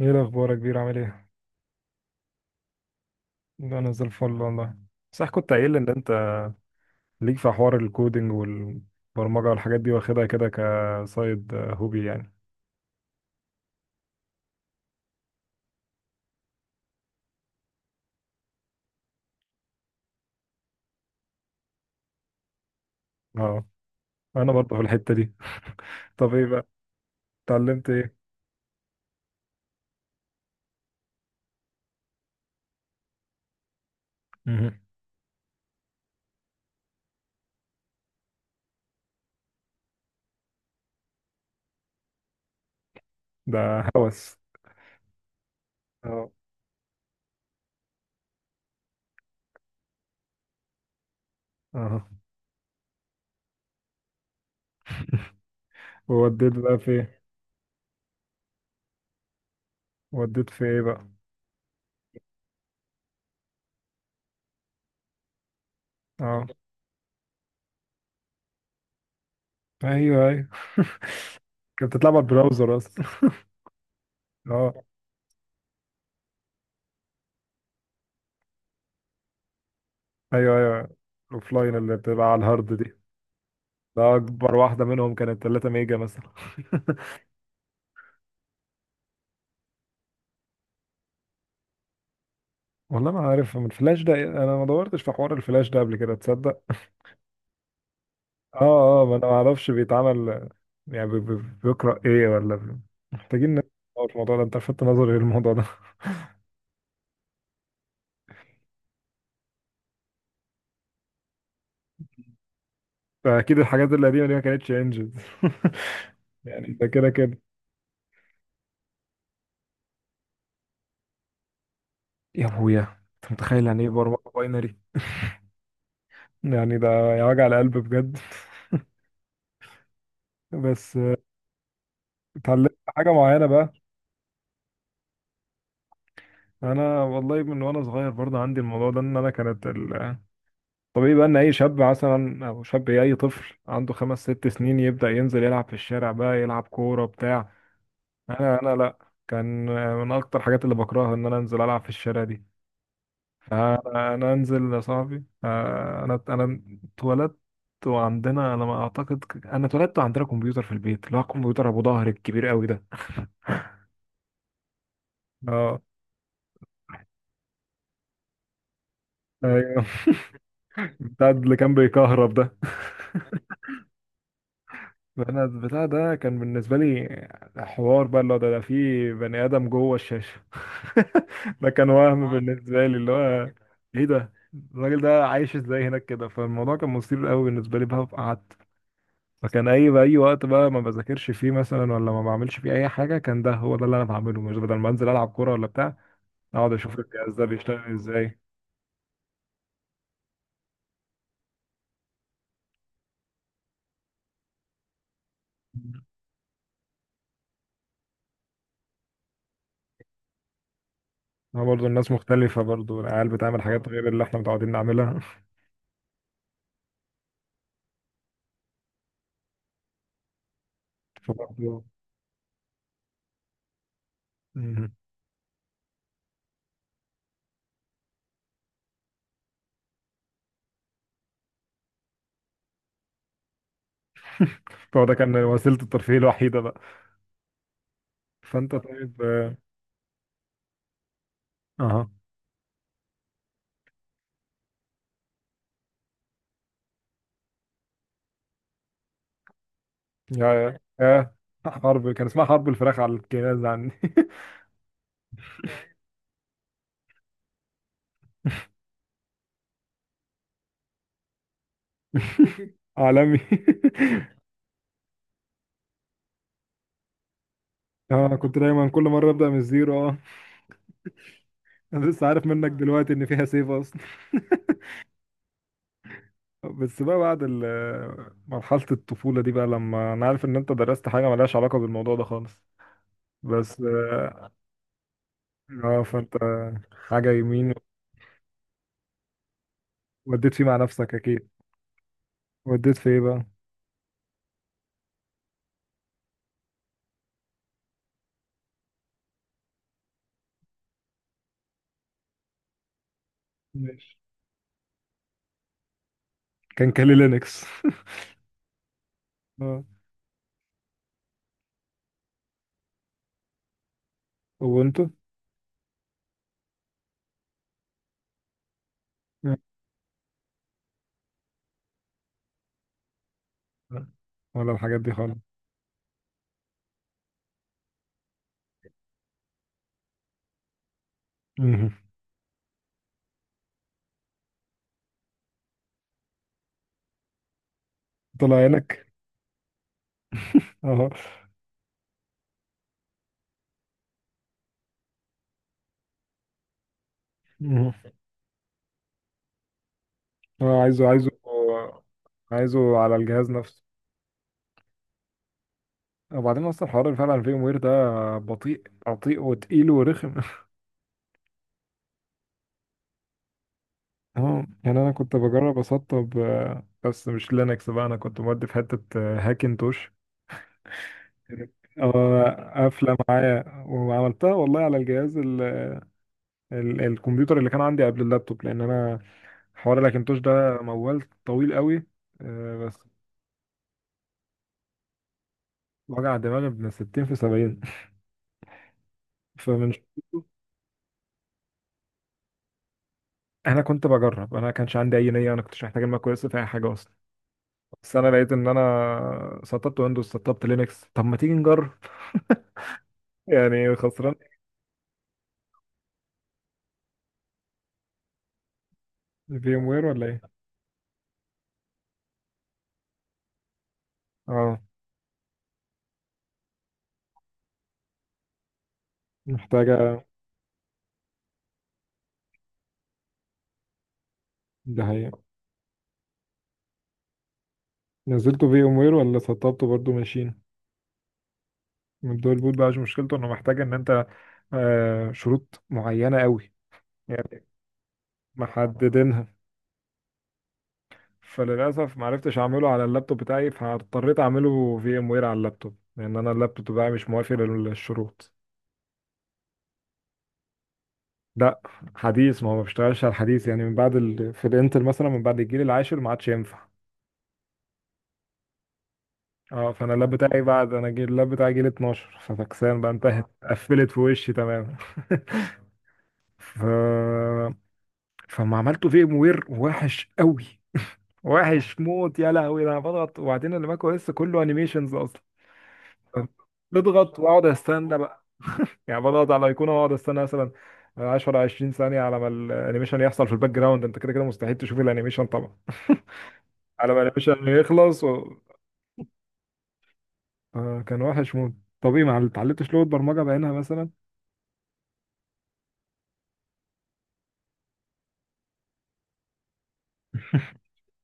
ايه الاخبار يا كبير، عامل ايه؟ انا زي الفل والله. صح، كنت قايل لي ان انت ليك في حوار الكودينج والبرمجه والحاجات دي، واخدها كده كسايد هوبي يعني. اه. انا برضه في الحته دي. طب ايه بقى، اتعلمت ايه؟ مهم. ده هوس. اه اه. ووديت بقى في ايه؟ وديت في ايه بقى؟ اه، ايوه ايوه. كانت بتلعب على البراوزر اصلا. اه، ايوه ايوه. الاوفلاين اللي بتبقى على الهارد دي. ده اكبر واحده منهم كانت 3 ميجا مثلا. والله ما عارف، من الفلاش ده انا ما دورتش في حوار الفلاش ده قبل كده، تصدق. اه اه، ما انا ما اعرفش بيتعمل. يعني بيقرا ايه ولا بي- محتاجين ندور في الموضوع ده، انت لفتت نظري للموضوع ده. فاكيد الحاجات القديمه دي ما كانتش انجز. يعني ده كده كده. يا ابويا، انت متخيل يعني ايه برمجه باينري؟ يعني ده، يا وجع القلب بجد. بس. اتعلمت حاجه معينه بقى؟ انا والله من وانا صغير برضه عندي الموضوع ده، ان انا كانت ال- طبيعي بقى ان اي شاب مثلا او شاب اي طفل عنده خمس ست سنين يبدأ ينزل يلعب في الشارع بقى، يلعب كورة بتاع. انا لا. كان من اكتر الحاجات اللي بكرهها ان انا انزل العب في الشارع دي. فانا انزل يا صاحبي، انا اتولدت. وعندنا، انا ما اعتقد انا اتولدت وعندنا كمبيوتر في البيت، اللي هو الكمبيوتر ابو ظهر الكبير قوي ده. اه، ايوه. بتاع اللي كان بيكهرب ده. انا البتاع ده كان بالنسبه لي حوار بقى، اللي هو ده في بني ادم جوه الشاشه. ده كان وهم بالنسبه لي، اللي هو ايه ده، الراجل ده عايش ازاي هناك كده. فالموضوع كان مثير قوي بالنسبه لي بقى، فقعدت. فكان اي وقت بقى ما بذاكرش فيه مثلا، ولا ما بعملش فيه اي حاجه، كان ده هو ده اللي انا بعمله. مش بدل ما انزل العب كوره ولا بتاع، اقعد اشوف الجهاز ده بيشتغل ازاي. هو برضه الناس مختلفه، برضه العيال بتعمل حاجات غير اللي احنا متعودين نعملها. فبرضه فهو ده كان وسيلة الترفيه الوحيدة بقى. فأنت طيب أها. يا حرب، كان اسمها حرب الفراخ على الجهاز عندي. عالمي. أنا كنت دايما كل مرة أبدأ من الزيرو، أه. أنا لسه عارف منك دلوقتي إن فيها سيف أصلا. بس بقى بعد ال- مرحلة الطفولة دي، بقى لما أنا عارف إن أنت درست حاجة ملهاش علاقة بالموضوع ده خالص، بس آه فأنت حاجة يمين، وديت فيه مع نفسك أكيد. وديت في إيه بقى؟ ماشي. كان لينكس. اه. وانتوا ولا الحاجات دي خالص. مهم. طلع عينك. اه. مهم. هو عايزه عايزه، عايزه على الجهاز نفسه. وبعدين اصلا الحوار اللي فعلا فيه وير ده بطيء بطيء وتقيل ورخم. اه، يعني انا كنت بجرب اسطب، بس مش لينكس بقى، انا كنت مودي في حته هاكنتوش. اه، قافله معايا وعملتها والله على الجهاز ال ال الكمبيوتر اللي كان عندي قبل اللابتوب، لان انا حوار الاكنتوش ده موال طويل قوي، بس وجع دماغي من 60 في 70. فمن شدته انا كنت بجرب، انا ما كانش عندي اي نيه، انا كنتش محتاج الماك كويس في اي حاجه اصلا. بس انا لقيت ان انا سطبت ويندوز، سطبت لينكس، طب ما تيجي نجرب. يعني خسران. في ام وير ولا ايه؟ اه، محتاجه. ده هي. نزلته في ام وير ولا سطبته برضو ماشين؟ من دول بوت بقى، مش مشكلته انه محتاج ان انت، شروط معينه قوي يعني محددينها. فللاسف ما عرفتش اعمله على اللابتوب بتاعي، فاضطريت اعمله في ام وير على اللابتوب، لان انا اللابتوب بتاعي مش موافق للشروط. لا، حديث. ما هو ما بيشتغلش على الحديث، يعني من بعد ال... في الانتل مثلا من بعد الجيل العاشر ما عادش ينفع. اه، فانا اللاب بتاعي بعد انا جيل اللاب بتاعي جيل 12، ففكسان بقى انتهت. قفلت في وشي تماما. ف... فما عملته في ام وير وحش قوي. وحش موت يا لهوي، ده انا بضغط وبعدين الماك او اس كله انيميشنز اصلا. بضغط واقعد استنى، يعني بضغط على الايقونه واقعد استنى مثلا 10 20 ثانيه على ما الانيميشن يحصل في الباك جراوند. انت كده كده مستحيل تشوف الانيميشن طبعا. على ما الانيميشن يخلص و... آه كان وحش موت. طب ايه، ما اتعلمتش لغه برمجه بعينها مثلا؟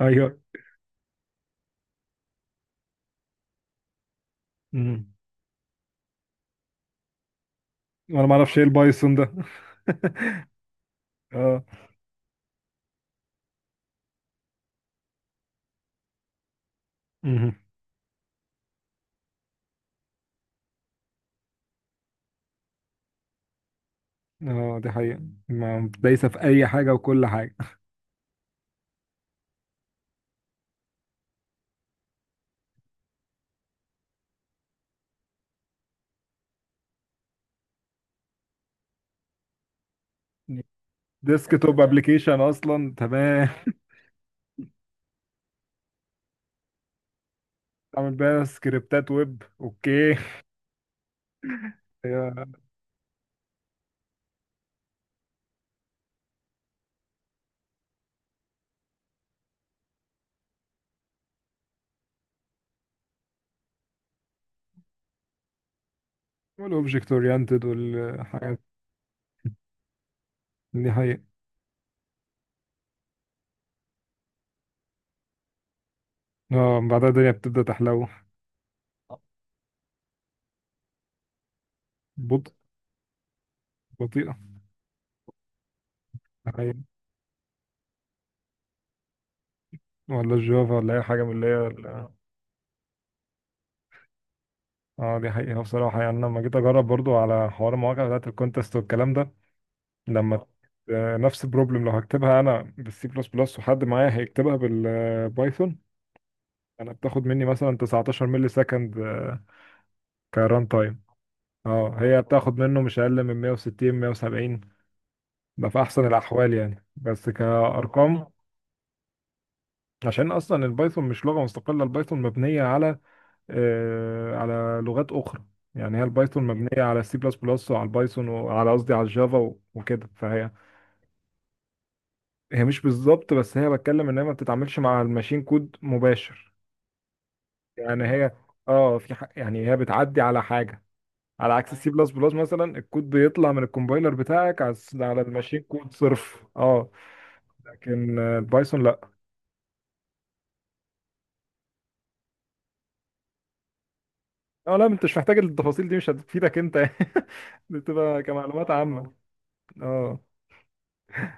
ايوه. امم وانا ما اعرفش ايه البايثون ده. اه، امم اه، دي حقيقه، ما دايسه في اي حاجه وكل حاجه. ديسك توب ابلكيشن اصلا، تمام. تعمل بيها سكريبتات ويب، اوكي. والاوبجكت اورينتد والحاجات، دي حقيقه. اه، من بعدها الدنيا بتبدأ تحلو. بطء، بطيئة. ده حقيقة. ولا الجافا، ولا أي حاجة من اللي هي ال- اه، دي حقيقة بصراحة. يعني أنا لما جيت أجرب برضو على حوار المواقع بتاعت الكونتست والكلام ده، لما نفس البروبلم، لو هكتبها أنا بالسي بلس بلس وحد معايا هيكتبها بالبايثون، أنا بتاخد مني مثلا 19 ملي سكند، كران تايم. اه، هي بتاخد منه مش أقل من 160 170. ده في أحسن الأحوال يعني، بس كأرقام. عشان أصلا البايثون مش لغة مستقلة، البايثون مبنية على، على لغات اخرى. يعني هي البايثون مبنيه على السي بلس بلس وعلى البايثون وعلى قصدي على الجافا وكده. فهي مش بالظبط، بس هي بتكلم ان هي ما بتتعاملش مع الماشين كود مباشر. يعني هي اه في ح... يعني هي بتعدي على حاجه، على عكس السي، أيوة، بلس بلس مثلا. الكود بيطلع من الكومبايلر بتاعك على على الماشين كود صرف، اه. لكن البايثون لا. اه، لا انت مش محتاج التفاصيل دي، مش هتفيدك انت. بتبقى كمعلومات عامه. اه.